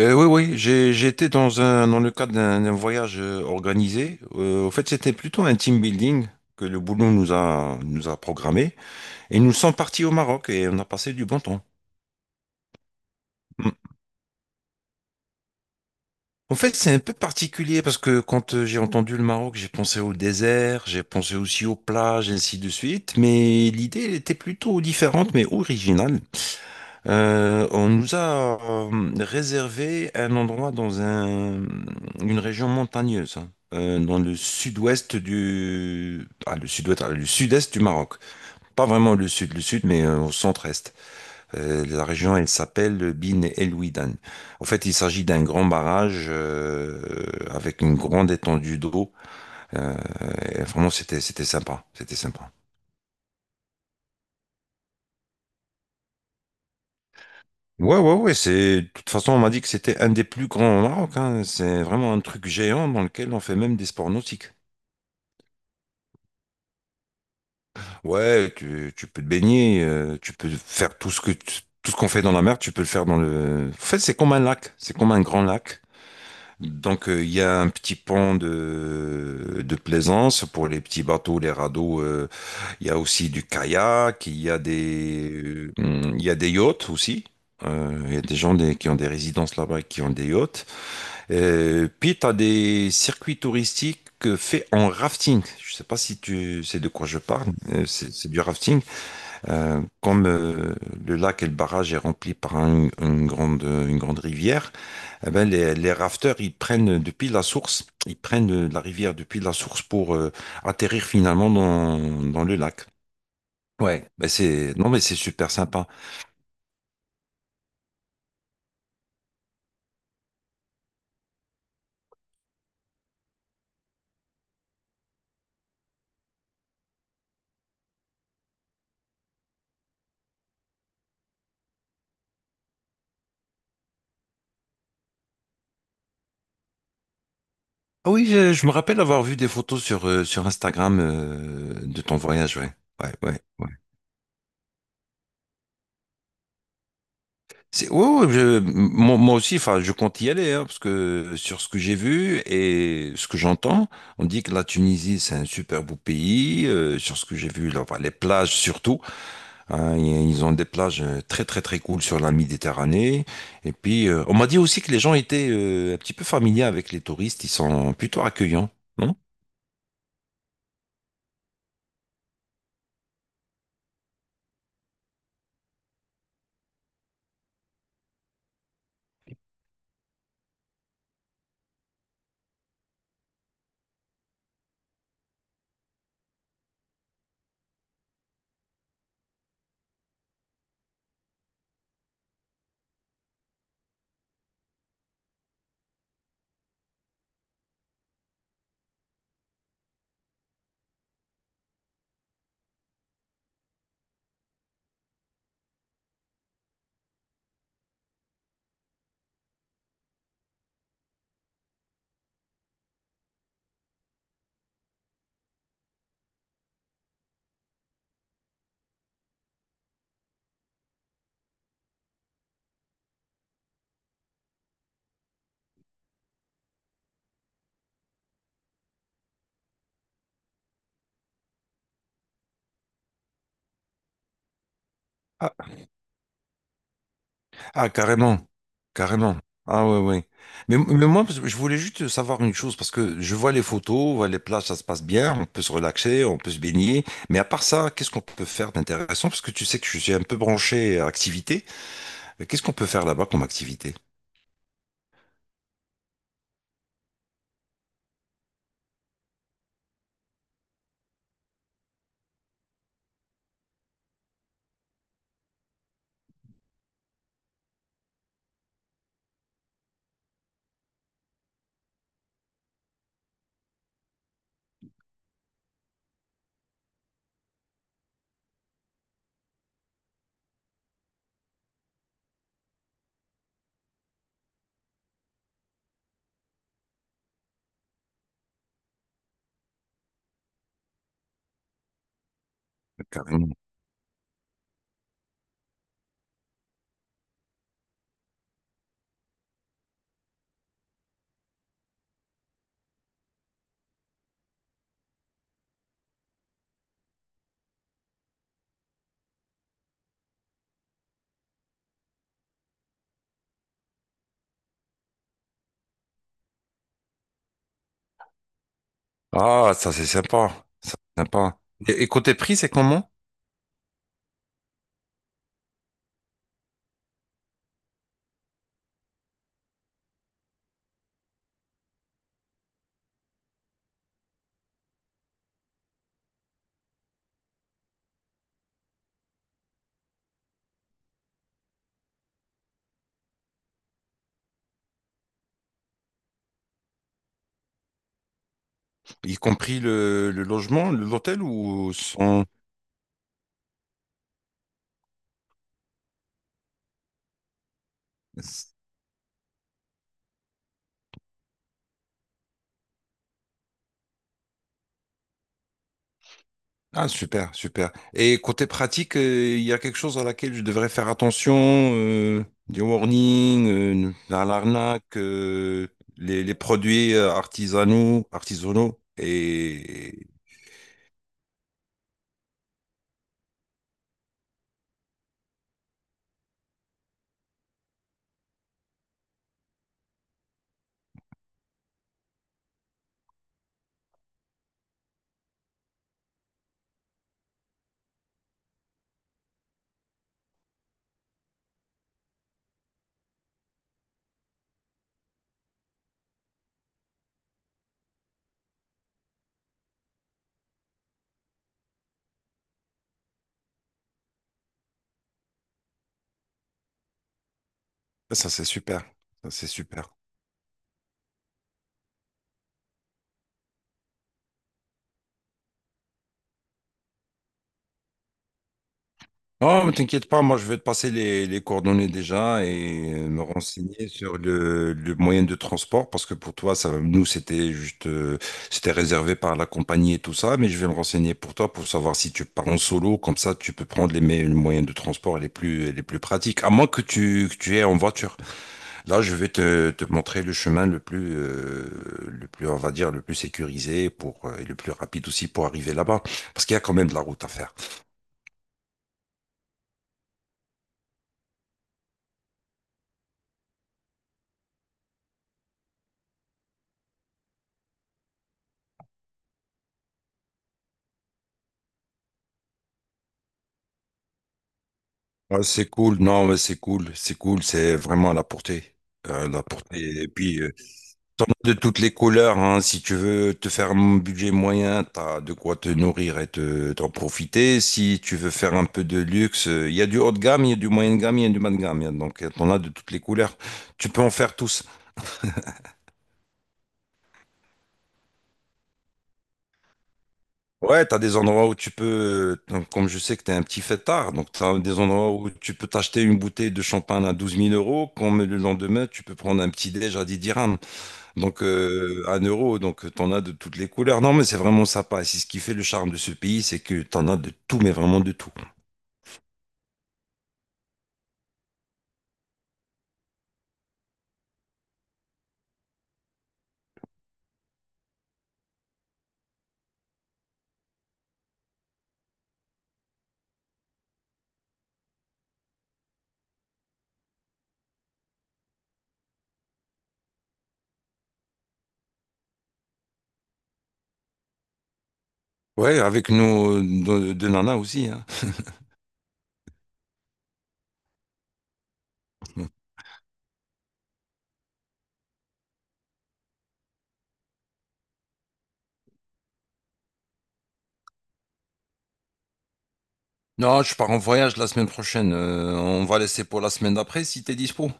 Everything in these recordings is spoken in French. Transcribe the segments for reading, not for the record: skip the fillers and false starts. Oui, oui, j'étais dans le cadre d'un voyage organisé. En fait, c'était plutôt un team building que le boulot nous a programmé. Et nous sommes partis au Maroc et on a passé du bon temps. Mm. En fait, c'est un peu particulier parce que quand j'ai entendu le Maroc, j'ai pensé au désert, j'ai pensé aussi aux plages, ainsi de suite. Mais l'idée, elle était plutôt différente, mais originale. On nous a réservé un endroit une région montagneuse, hein, dans le sud-ouest du, ah, le sud-ouest, ah, le sud-est du Maroc. Pas vraiment le sud, mais au centre-est. La région, elle s'appelle Bin El Ouidan. En fait, il s'agit d'un grand barrage avec une grande étendue d'eau. Euh, et vraiment, c'était sympa, c'était sympa. Ouais, ouais, ouais, de toute façon, on m'a dit que c'était un des plus grands au Maroc, hein. C'est vraiment un truc géant dans lequel on fait même des sports nautiques. Ouais, tu peux te baigner, tu peux faire tout ce qu'on fait dans la mer, tu peux le faire dans le... En fait, c'est comme un lac, c'est comme un grand lac. Donc, il y a un petit pont de plaisance pour les petits bateaux, les radeaux. Il y a aussi du kayak, il y a des yachts aussi. Il y a des gens qui ont des résidences là-bas et qui ont des yachts. Puis, tu as des circuits touristiques faits en rafting. Je sais pas si tu sais de quoi je parle. C'est du rafting. Comme le lac et le barrage est rempli par une grande rivière, eh ben, les rafteurs, ils prennent depuis la source, ils prennent la rivière depuis la source pour atterrir finalement dans le lac. Ouais, ben c'est non mais c'est super sympa. Ah oui, je me rappelle avoir vu des photos sur Instagram de ton voyage, ouais. Ouais, ouais. Ouais, ouais, moi aussi, enfin, je compte y aller, hein, parce que sur ce que j'ai vu et ce que j'entends, on dit que la Tunisie, c'est un super beau pays. Sur ce que j'ai vu, là, enfin, les plages surtout, hein, ils ont des plages très, très, très cool sur la Méditerranée. Et puis, on m'a dit aussi que les gens étaient un petit peu familiers avec les touristes, ils sont plutôt accueillants, non? Ah, carrément. Carrément. Ah ouais, ouais. Mais moi, parce que je voulais juste savoir une chose, parce que je vois les photos, ouais, les plages, ça se passe bien, on peut se relaxer, on peut se baigner. Mais à part ça, qu'est-ce qu'on peut faire d'intéressant? Parce que tu sais que je suis un peu branché à activité. Qu'est-ce qu'on peut faire là-bas comme activité? Carrément. Ah, ça c'est sympa. Ça, c'est sympa. Et côté prix, c'est comment? Y compris le logement, l'hôtel ou son... Ah, super, super. Et côté pratique, il y a quelque chose à laquelle je devrais faire attention, des warnings, à l'arnaque, les produits artisanaux, artisanaux. Et ça, c'est super. Ça, c'est super. Oh, mais t'inquiète pas, moi je vais te passer les coordonnées déjà et me renseigner sur le moyen de transport parce que pour toi, ça, nous c'était juste, c'était réservé par la compagnie et tout ça, mais je vais me renseigner pour toi pour savoir si tu pars en solo, comme ça tu peux prendre les moyens de transport les plus pratiques, à moins que que tu aies en voiture. Là, je vais te montrer le chemin le plus, on va dire, le plus sécurisé et le plus rapide aussi pour arriver là-bas parce qu'il y a quand même de la route à faire. Ouais, c'est cool, non, mais c'est cool, c'est cool, c'est vraiment à la portée. La portée. Et puis, de toutes les couleurs, hein, si tu veux te faire un budget moyen, t'as de quoi te nourrir et t'en profiter. Si tu veux faire un peu de luxe, il y a du haut de gamme, il y a du moyen de gamme, il y a du bas de gamme. Donc, t'en as de toutes les couleurs. Tu peux en faire tous. Ouais, t'as des endroits où tu peux, comme je sais que t'es un petit fêtard, donc t'as des endroits où tu peux t'acheter une bouteille de champagne à douze mille euros, comme le lendemain, tu peux prendre un petit déj à 10 dirhams. Donc, un euro, donc t'en as de toutes les couleurs. Non, mais c'est vraiment sympa. C'est ce qui fait le charme de ce pays, c'est que t'en as de tout, mais vraiment de tout. Ouais, avec nos deux nanas aussi. Hein. Non, je pars en voyage la semaine prochaine. On va laisser pour la semaine d'après si t'es dispo.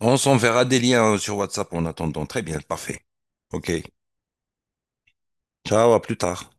On s'enverra des liens sur WhatsApp en attendant. Très bien, parfait. Ok. Ciao, à plus tard.